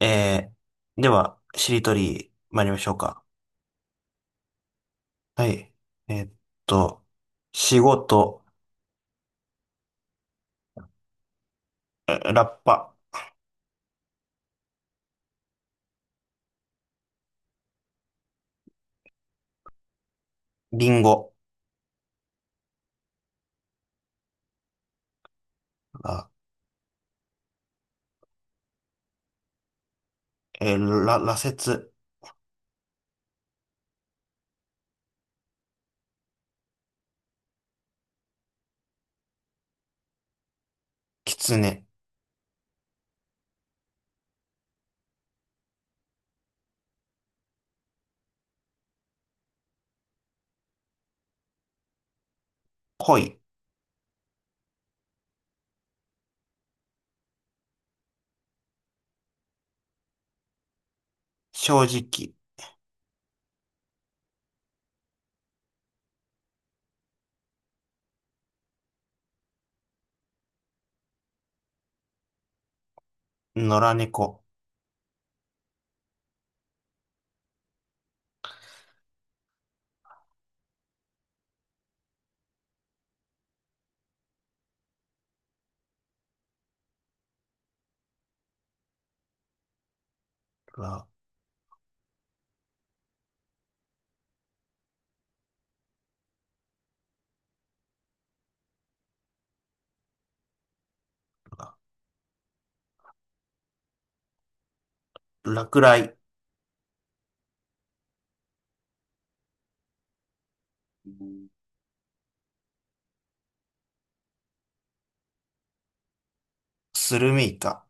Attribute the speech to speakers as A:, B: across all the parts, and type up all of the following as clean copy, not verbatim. A: えでは、しりとり参りましょうか。はい。えーっと、仕事、ラッパ、リンゴ、あえーら、羅刹、狐、恋、正直、野良猫、ら、落雷、スルメイカ、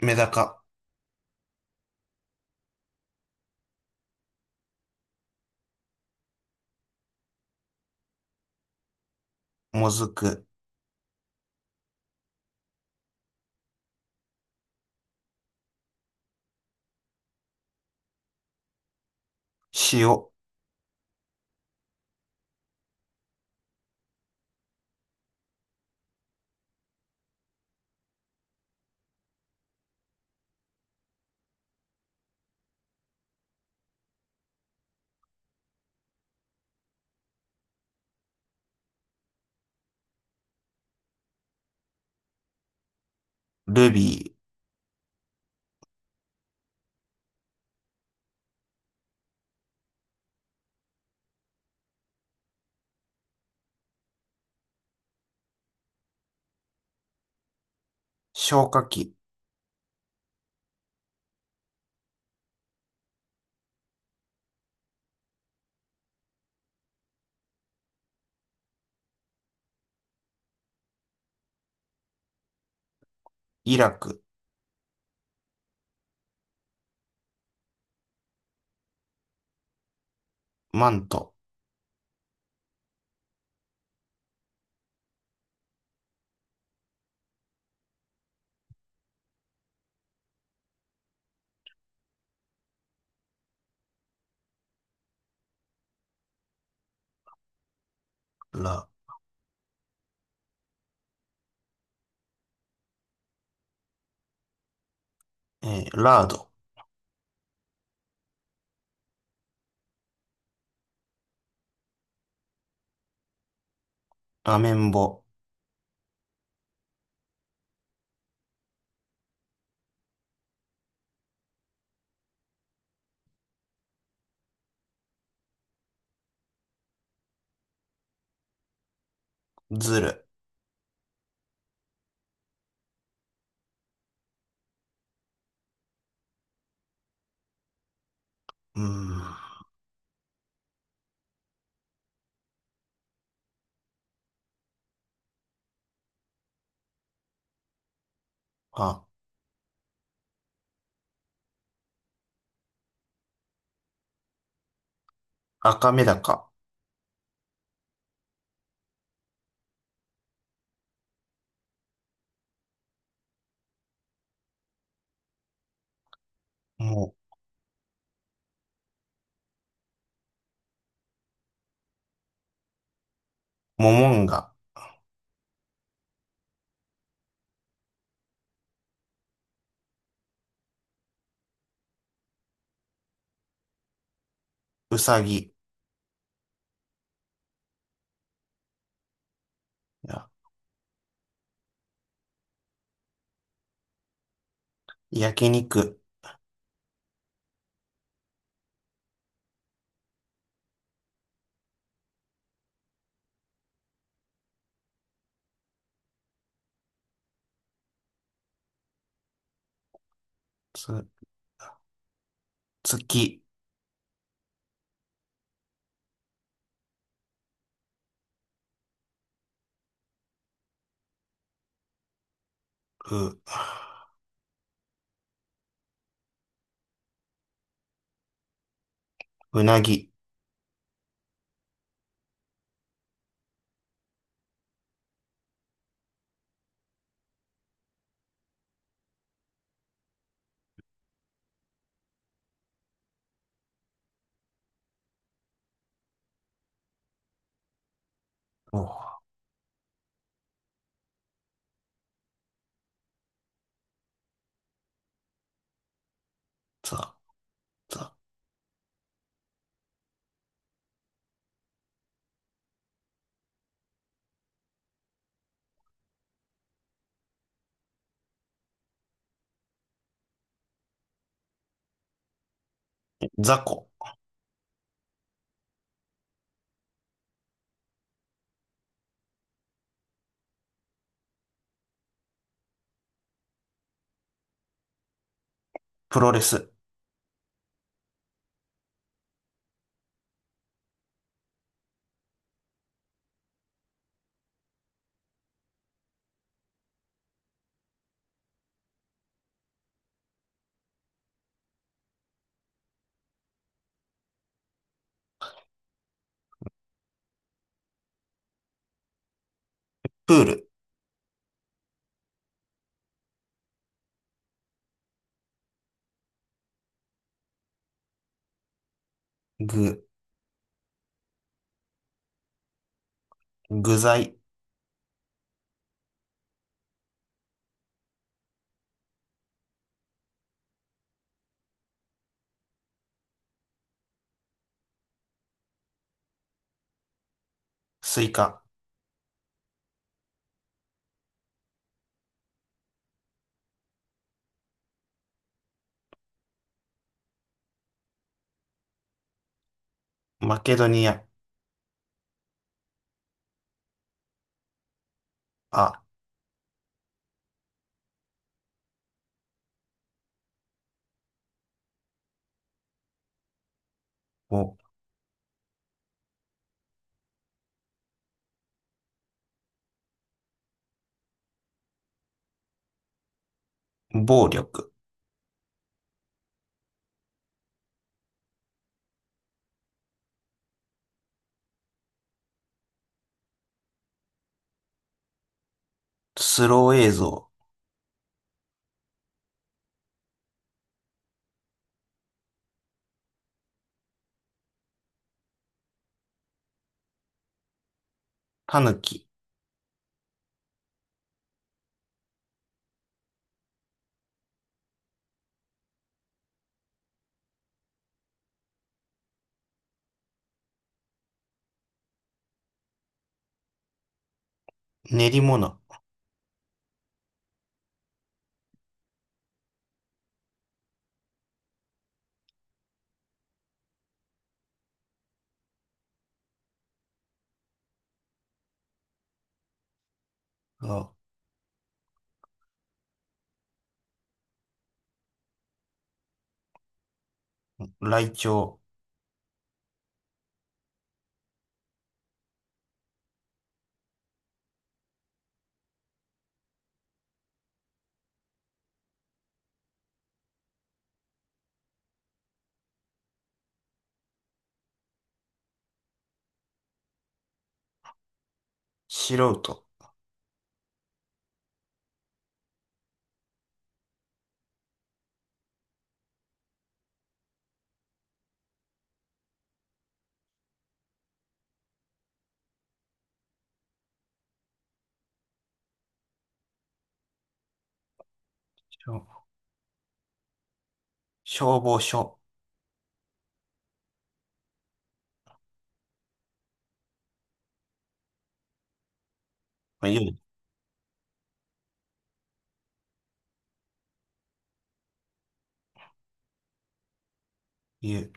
A: メダカ、モズク、塩、ルビー、消火器、イラク、マント、ら、えーラード、アメンボ、ズル、うーん、あ、赤メダカ、もモモンガ、ウサギ、や焼肉、つ、月、う、うなぎ、おう、ざ、ざ、雑、プロレス、プール、ぐ、具材、スイカ、マケドニア、あ、お、暴力、スロー映像、タヌキ、練り物、お、ライチョウ、素人、消消防署、ゆ、ゆ、